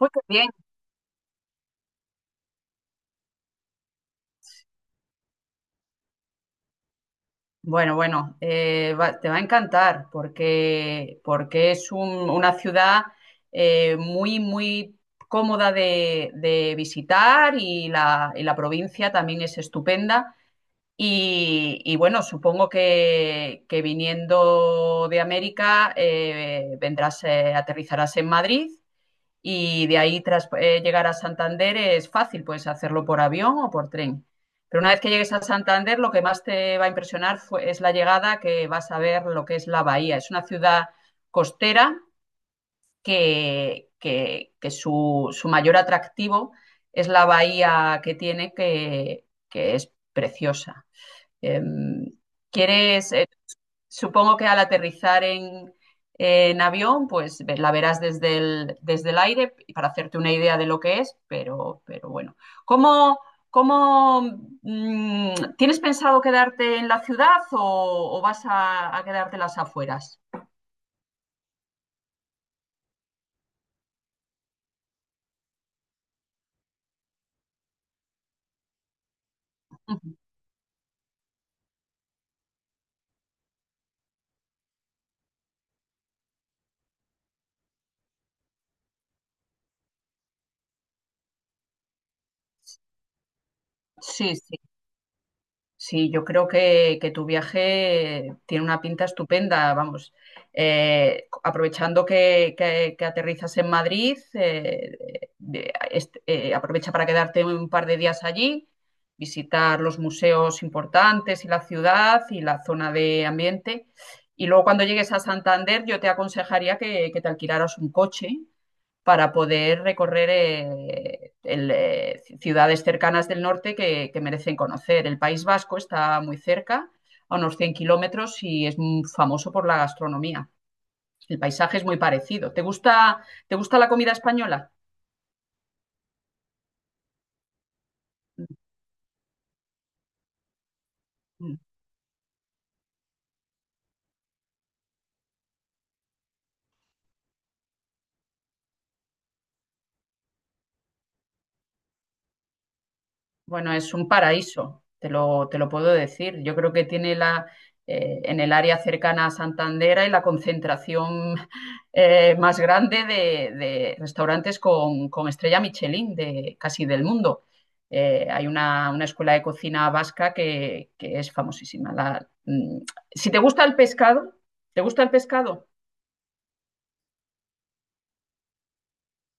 Uy, qué bien. Bueno, bueno, te va a encantar porque es una ciudad muy, muy cómoda de visitar, y la provincia también es estupenda. Y bueno, supongo que viniendo de América, vendrás, aterrizarás en Madrid. Y de ahí, tras llegar a Santander, es fácil, puedes hacerlo por avión o por tren. Pero una vez que llegues a Santander, lo que más te va a impresionar es la llegada: que vas a ver lo que es la bahía. Es una ciudad costera que su mayor atractivo es la bahía que tiene, que es preciosa. Em, ¿quieres, eh, Supongo que al aterrizar en avión, pues la verás desde el aire para hacerte una idea de lo que es? Pero bueno. ¿Cómo, cómo, tienes pensado quedarte en la ciudad o vas a quedarte en las afueras? Ujú. Sí, sí, yo creo que tu viaje tiene una pinta estupenda, vamos. Aprovechando que, que- aterrizas en Madrid, aprovecha para quedarte un par de días allí, visitar los museos importantes y la ciudad y la zona de ambiente. Y luego cuando llegues a Santander, yo te aconsejaría que te alquilaras un coche para poder recorrer ciudades cercanas del norte que merecen conocer. El País Vasco está muy cerca, a unos 100 kilómetros, y es muy famoso por la gastronomía. El paisaje es muy parecido. Te gusta la comida española? Bueno, es un paraíso, te lo puedo decir. Yo creo que en el área cercana a Santander hay la concentración más grande de restaurantes con estrella Michelin de casi del mundo. Hay una escuela de cocina vasca que es famosísima. Si te gusta el pescado, ¿te gusta el pescado?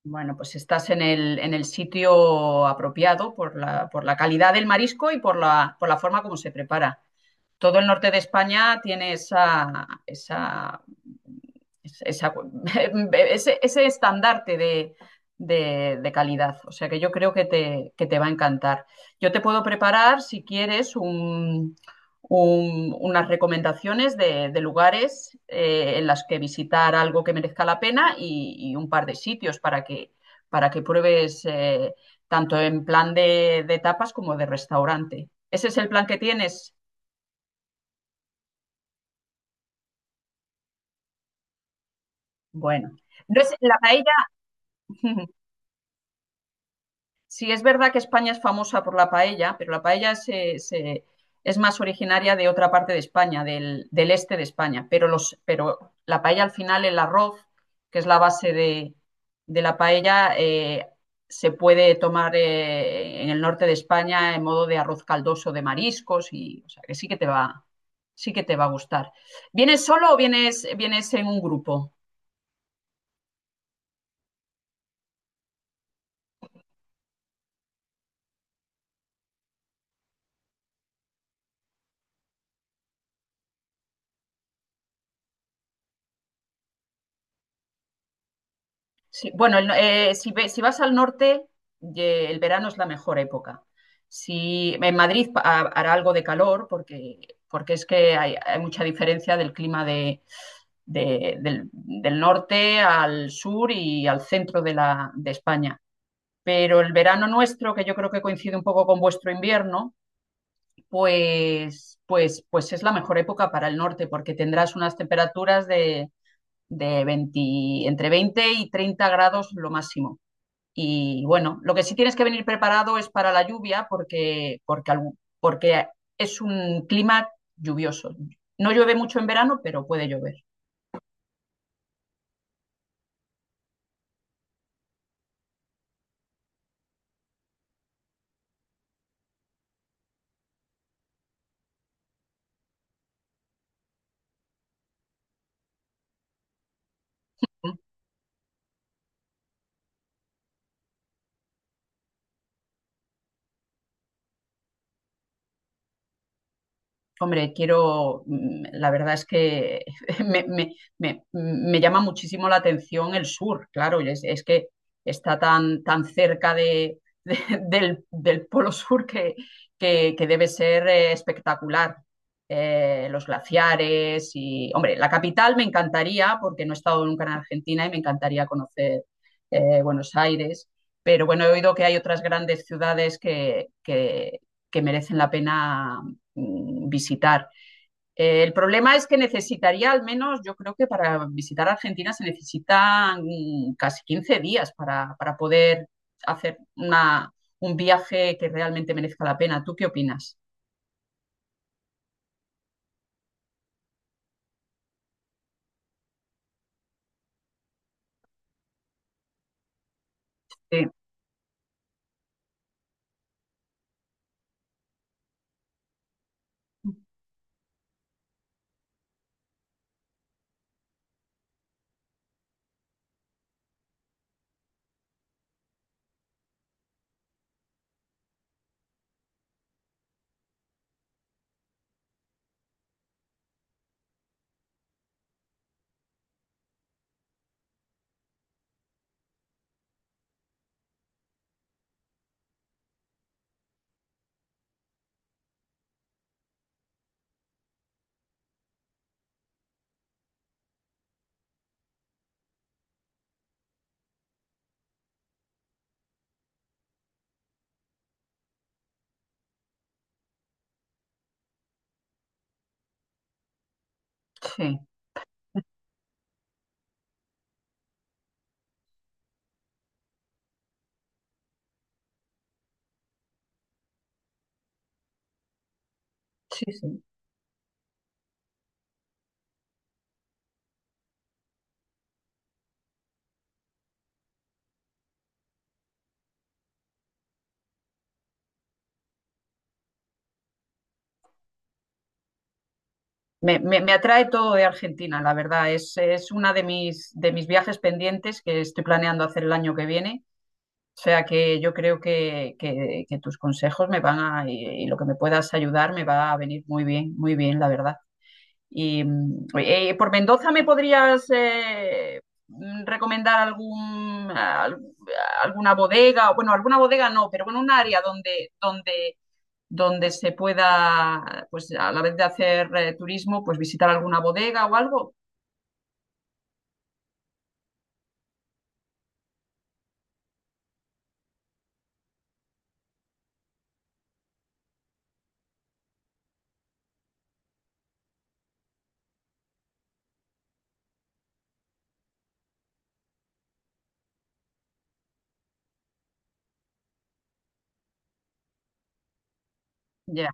Bueno, pues estás en el en el sitio apropiado por la calidad del marisco y por la forma como se prepara. Todo el norte de España tiene esa, esa ese estandarte de de calidad. O sea que yo creo que te que te va a encantar. Yo te puedo preparar, si quieres, unas recomendaciones de lugares en las que visitar algo que merezca la pena, y un par de sitios para que pruebes, tanto en plan de tapas como de restaurante. ¿Ese es el plan que tienes? Bueno, no es la paella. Sí es verdad que España es famosa por la paella, pero la paella es más originaria de otra parte de España, del del este de España. Pero pero la paella al final, el arroz, que es la base de la paella, se puede tomar en el norte de España en modo de arroz caldoso de mariscos, y o sea, que sí que te va a gustar. ¿Vienes solo o vienes en un grupo? Sí, bueno, el no- si, ve- si vas al norte, el verano es la mejor época. Si en Madrid hará algo de calor, porque porque es que hay mucha diferencia del clima del norte al sur y al centro de de España. Pero el verano nuestro, que yo creo que coincide un poco con vuestro invierno, pues, pues, pues es la mejor época para el norte, porque tendrás unas temperaturas de, de 20 entre 20 y 30 grados lo máximo. Y bueno, lo que sí tienes que venir preparado es para la lluvia, porque porque, porque es un clima lluvioso. No llueve mucho en verano, pero puede llover. Hombre, la verdad es que me llama muchísimo la atención el sur, claro, es que está tan, tan cerca de del Polo Sur, que debe ser espectacular. Los glaciares, y hombre, la capital me encantaría, porque no he estado nunca en Argentina y me encantaría conocer Buenos Aires. Pero bueno, he oído que hay otras grandes ciudades que que merecen la pena visitar. El problema es que necesitaría al menos, yo creo que para visitar Argentina se necesitan casi 15 días para poder hacer un viaje que realmente merezca la pena. ¿Tú qué opinas? Sí, sí, sí. Sí. Me me, me, atrae todo de Argentina, la verdad. Es una de mis viajes pendientes, que estoy planeando hacer el año que viene. O sea que yo creo que que tus consejos y lo que me puedas ayudar me va a venir muy bien, la verdad. Y por Mendoza me podrías recomendar alguna bodega, bueno, alguna bodega no, pero bueno, un área donde, donde, donde se pueda, pues a la vez de hacer turismo, pues visitar alguna bodega o algo. Ya,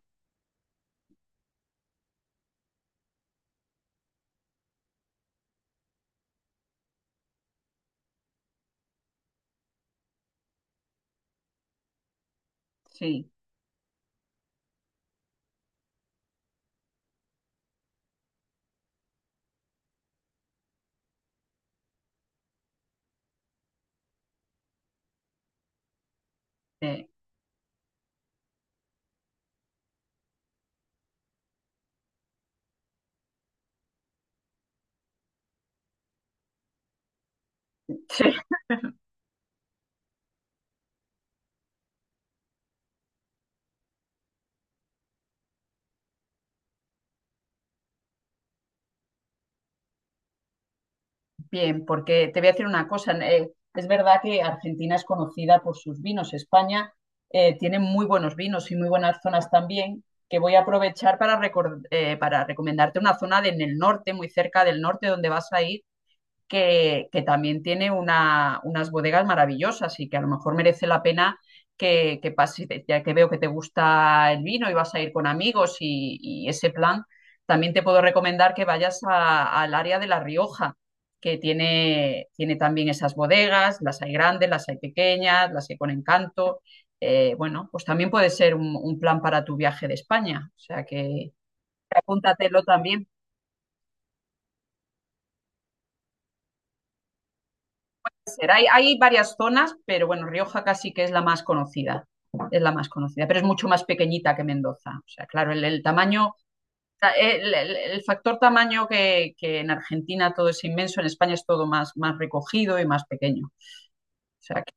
sí. Eh. Bien, porque te voy a decir una cosa. Es verdad que Argentina es conocida por sus vinos. España tiene muy buenos vinos y muy buenas zonas también, que voy a aprovechar para, para recomendarte una zona en el norte, muy cerca del norte, donde vas a ir, que también tiene unas bodegas maravillosas, y que a lo mejor merece la pena que pases, ya que veo que te gusta el vino y vas a ir con amigos, y ese plan. También te puedo recomendar que vayas al área de La Rioja, que tiene, tiene también esas bodegas; las hay grandes, las hay pequeñas, las hay con encanto. Bueno, pues también puede ser un plan para tu viaje de España, o sea que apúntatelo también. Ser. Hay varias zonas, pero bueno, Rioja casi que es la más conocida. Es la más conocida, pero es mucho más pequeñita que Mendoza. O sea, claro, el tamaño, el factor tamaño, en Argentina todo es inmenso, en España es todo más más recogido y más pequeño. O sea que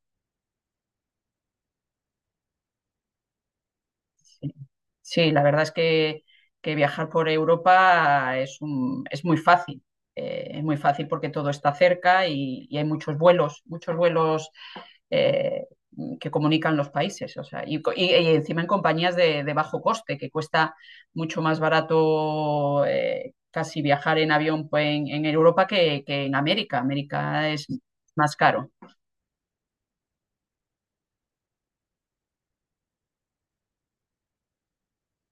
sí. Sí, la verdad es que viajar por Europa es muy fácil. Es muy fácil porque todo está cerca, y hay muchos vuelos eh, que comunican los países. O sea, y y encima en compañías de bajo coste, que cuesta mucho más barato, casi viajar en avión pues en Europa que en América. América es más caro.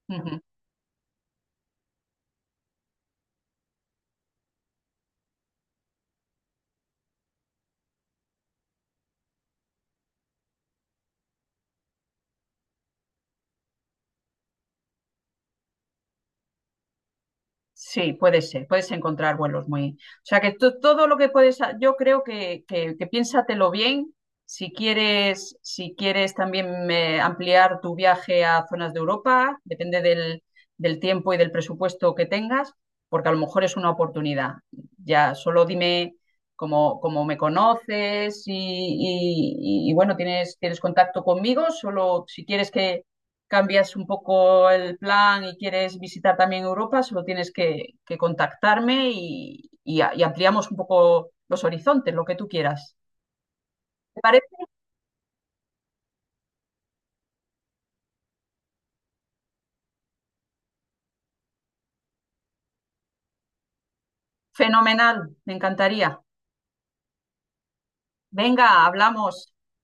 Ujú. Sí, puede ser, puedes encontrar vuelos muy. O sea, que todo lo que puedes, yo creo que que piénsatelo bien. Si quieres, si quieres también ampliar tu viaje a zonas de Europa, depende del, del tiempo y del presupuesto que tengas, porque a lo mejor es una oportunidad. Ya, solo dime cómo cómo me conoces, y y, bueno, tienes, tienes contacto conmigo. Solo si quieres que cambias un poco el plan y quieres visitar también Europa, solo tienes que contactarme y y ampliamos un poco los horizontes, lo que tú quieras. ¿Te parece? Fenomenal, me encantaría. Venga, hablamos.